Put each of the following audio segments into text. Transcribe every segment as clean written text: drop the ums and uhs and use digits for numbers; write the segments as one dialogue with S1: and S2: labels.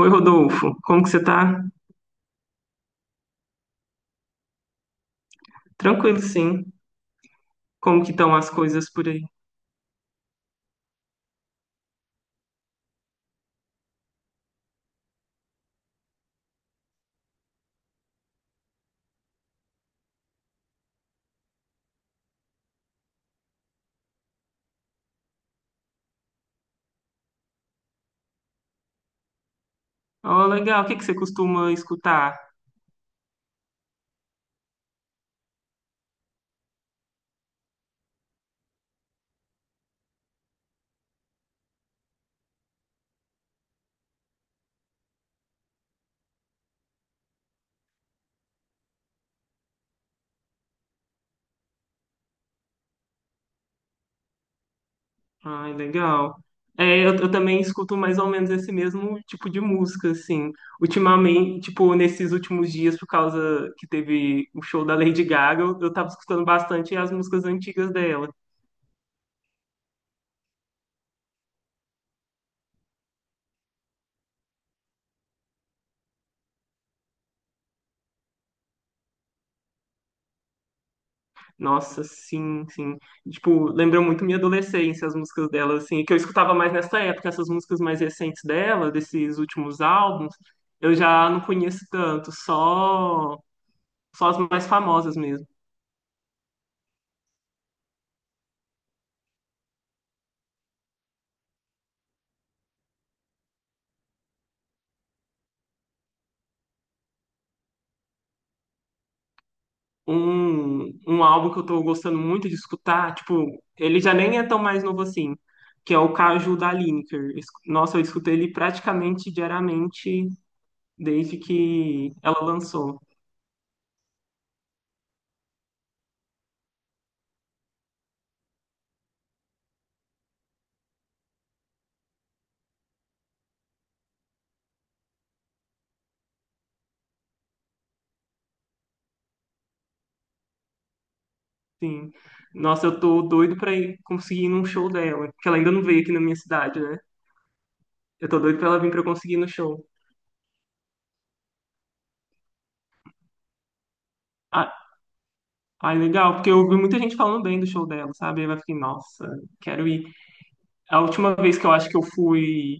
S1: Oi, Rodolfo, como que você tá? Tranquilo, sim. Como que estão as coisas por aí? Oh, legal. O que que você costuma escutar? Ai, legal. É, eu também escuto mais ou menos esse mesmo tipo de música, assim. Ultimamente, tipo, nesses últimos dias, por causa que teve o show da Lady Gaga, eu tava escutando bastante as músicas antigas dela. Nossa, sim, sim. Tipo, lembrou muito minha adolescência, as músicas dela, assim, que eu escutava mais nessa época, essas músicas mais recentes dela, desses últimos álbuns, eu já não conheço tanto, só as mais famosas mesmo. Um álbum que eu tô gostando muito de escutar, tipo, ele já nem é tão mais novo assim, que é o Caju da Lineker. Nossa, eu escuto ele praticamente diariamente desde que ela lançou. Sim. Nossa, eu tô doido pra ir conseguir ir num show dela, que ela ainda não veio aqui na minha cidade, né? Eu tô doido pra ela vir pra eu conseguir ir no show. Ah, ai, legal, porque eu ouvi muita gente falando bem do show dela, sabe? Aí eu fiquei, nossa, quero ir. A última vez que eu acho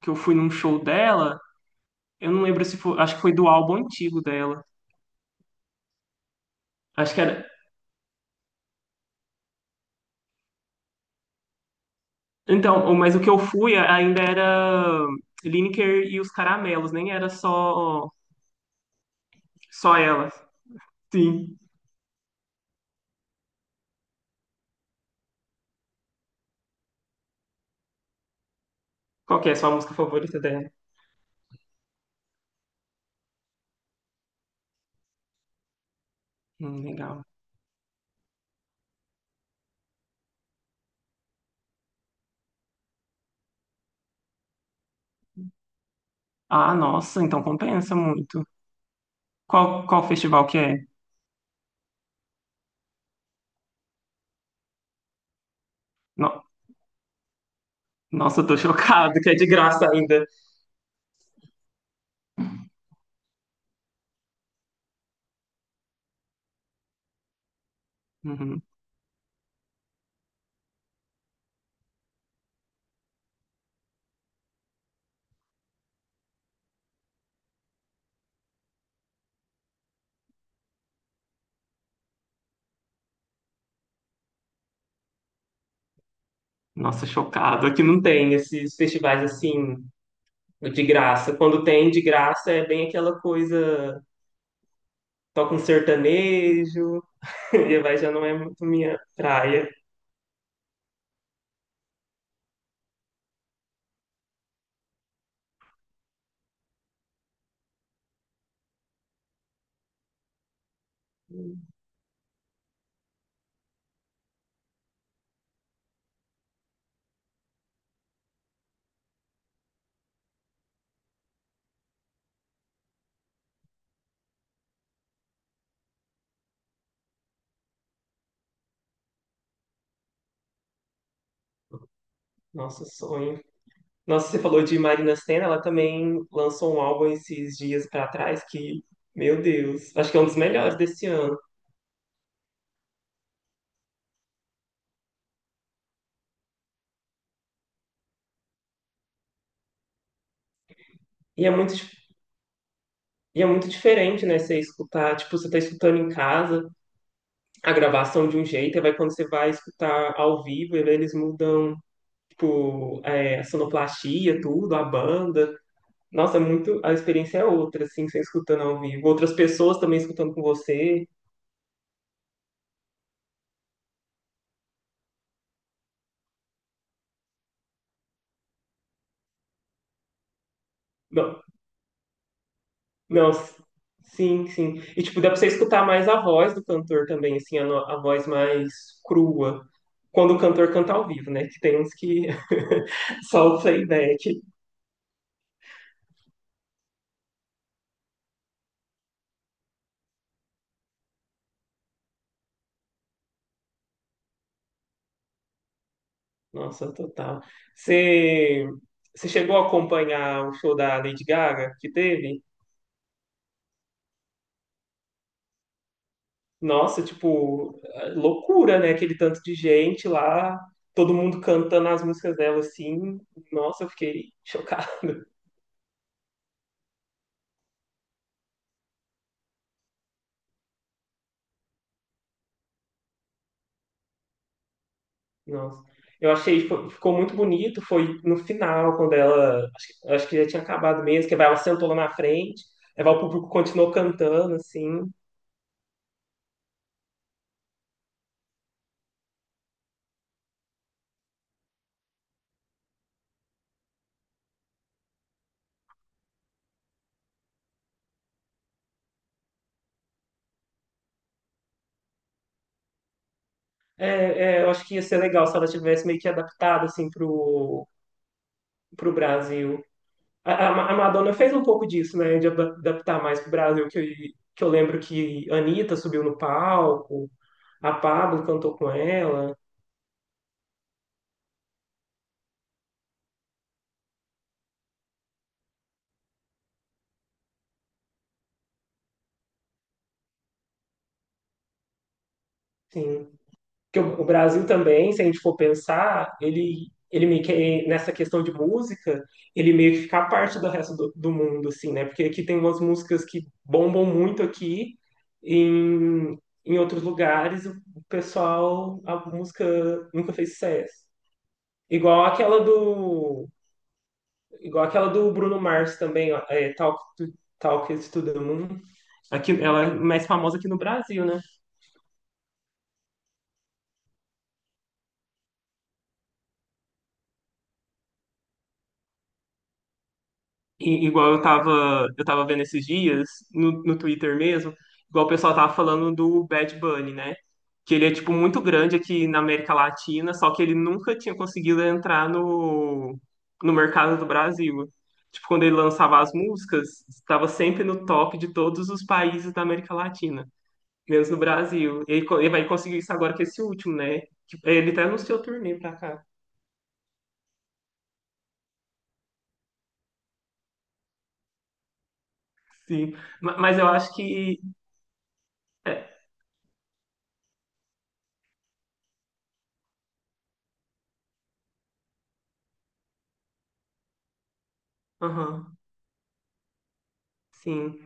S1: que eu fui num show dela, eu não lembro se foi, acho que foi do álbum antigo dela. Acho que era. Então, mas o que eu fui ainda era Lineker e os Caramelos, nem era só ela. Sim. Qual que é a sua música favorita dela? Legal. Ah, nossa, então compensa muito. Qual festival que é? No- Nossa, eu tô chocado, que é de graça ainda. Uhum. Nossa, chocado. Aqui não tem esses festivais assim de graça. Quando tem de graça é bem aquela coisa, toca um sertanejo, e vai já não é muito minha praia. Nossa, sonho. Nossa, você falou de Marina Sena, ela também lançou um álbum esses dias pra trás que, meu Deus, acho que é um dos melhores desse ano. E é muito E é muito diferente, né? Você escutar, tipo, você tá escutando em casa a gravação de um jeito, e vai quando você vai escutar ao vivo, eles mudam, tipo, é, a sonoplastia, tudo, a banda. Nossa, é muito, a experiência é outra, assim, você escutando ao vivo. Outras pessoas também escutando com você. Não, não, sim, sim. E, tipo, dá pra você escutar mais a voz do cantor também, assim, a, no- a voz mais crua. Quando o cantor canta ao vivo, né? Que tem uns que só o playback. Nossa, total. Você, você chegou a acompanhar o show da Lady Gaga que teve? Nossa, tipo, é loucura, né? Aquele tanto de gente lá, todo mundo cantando as músicas dela assim. Nossa, eu fiquei chocado. Nossa. Eu achei, ficou muito bonito. Foi no final, quando ela, acho que já tinha acabado mesmo, que ela sentou lá na frente, aí o público continuou cantando, assim. É, é, eu acho que ia ser legal se ela tivesse meio que adaptado, assim, pro Brasil. A Madonna fez um pouco disso, né? De adaptar mais pro Brasil, que, que eu lembro que a Anitta subiu no palco, a Pabllo cantou com ela, sim. Que o Brasil também, se a gente for pensar, ele meio que, nessa questão de música, ele meio que fica à parte do resto do mundo, assim, né? Porque aqui tem umas músicas que bombam muito aqui, em, em outros lugares o pessoal, a música nunca fez sucesso. Igual aquela do Igual aquela do Bruno Mars também, ó, é, Talk It to the Moon. Aqui, ela é mais famosa aqui no Brasil, né? E, eu tava vendo esses dias, no Twitter mesmo, igual o pessoal tava falando do Bad Bunny, né? Que ele é, tipo, muito grande aqui na América Latina, só que ele nunca tinha conseguido entrar no mercado do Brasil. Tipo, quando ele lançava as músicas, estava sempre no top de todos os países da América Latina. Mesmo no Brasil. Ele, ele vai conseguir isso agora com esse último, né? Que ele até anunciou turnê pra cá. Sim. Mas eu acho que. É, aham, sim.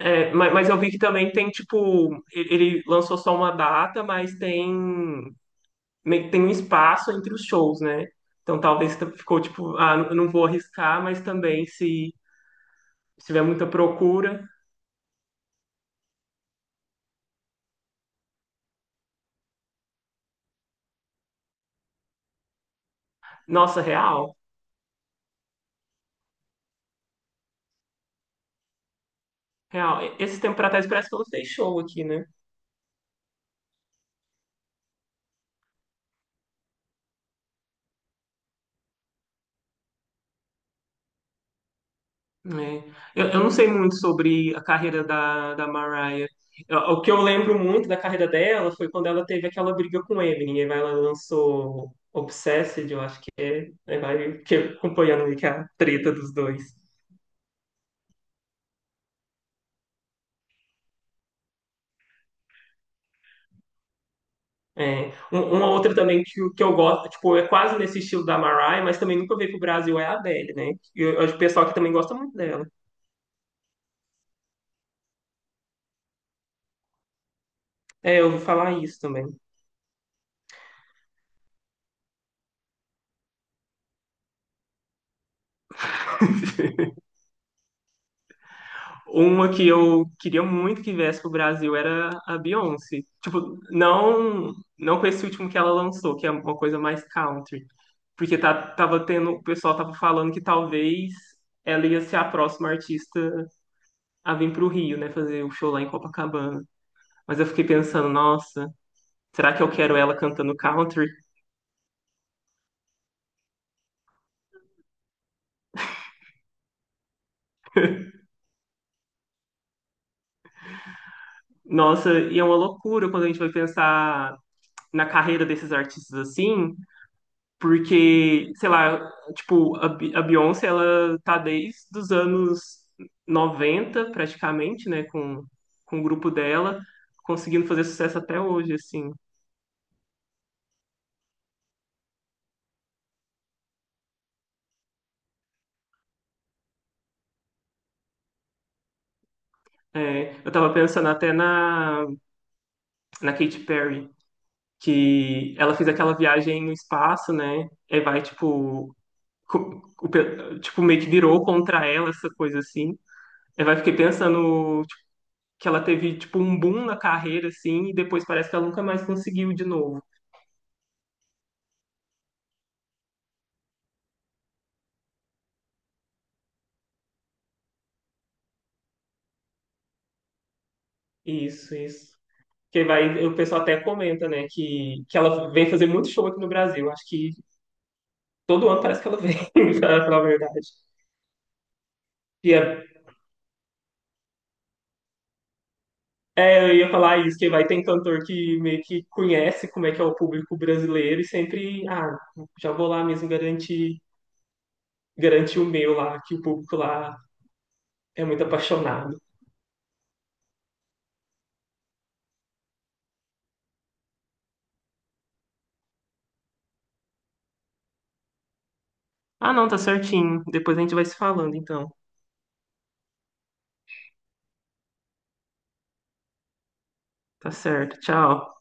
S1: É, mas, eu vi que também tem, tipo. Ele lançou só uma data, mas tem, tem um espaço entre os shows, né? Então talvez ficou tipo, ah, não vou arriscar, mas também se tiver muita procura. Nossa, real. Real. Esse tempo pra trás parece que ela fez show aqui, né? Né, eu não sei muito sobre a carreira da Mariah. O que eu lembro muito da carreira dela foi quando ela teve aquela briga com o Eminem. E aí ela lançou Obsessed, eu acho que é. Aí vai que acompanhando ali que é a treta dos dois. É. Uma outra também que, que eu gosto, tipo, é quase nesse estilo da Mariah, mas também nunca veio pro Brasil, é a Adele, né? E eu acho que o pessoal aqui também gosta muito dela. É, eu ouvi falar isso também. Uma que eu queria muito que viesse pro Brasil era a Beyoncé. Tipo, não, não com esse último que ela lançou, que é uma coisa mais country. Porque tá, tava tendo, o pessoal tava falando que talvez ela ia ser a próxima artista a vir pro Rio, né? Fazer o show lá em Copacabana. Mas eu fiquei pensando, nossa, será que eu quero ela cantando country? Nossa, e é uma loucura quando a gente vai pensar na carreira desses artistas assim, porque, sei lá, tipo, a Beyoncé, ela tá desde os anos 90 praticamente, né, com o grupo dela, conseguindo fazer sucesso até hoje, assim. É, eu tava pensando até na Katy Perry, que ela fez aquela viagem no espaço, né, e vai, tipo, tipo, meio que virou contra ela, essa coisa assim. Eu vai fiquei pensando tipo, que ela teve tipo um boom na carreira assim e depois parece que ela nunca mais conseguiu de novo. Isso, isso. Que vai, o pessoal até comenta, né, que ela vem fazer muito show aqui no Brasil. Acho que todo ano parece que ela vem, pra falar a verdade. E é, é, eu ia falar isso, que vai, tem cantor que meio que conhece como é que é o público brasileiro e sempre, ah, já vou lá mesmo garantir, garantir o meu lá, que o público lá é muito apaixonado. Ah, não, tá certinho. Depois a gente vai se falando, então. Tá certo. Tchau.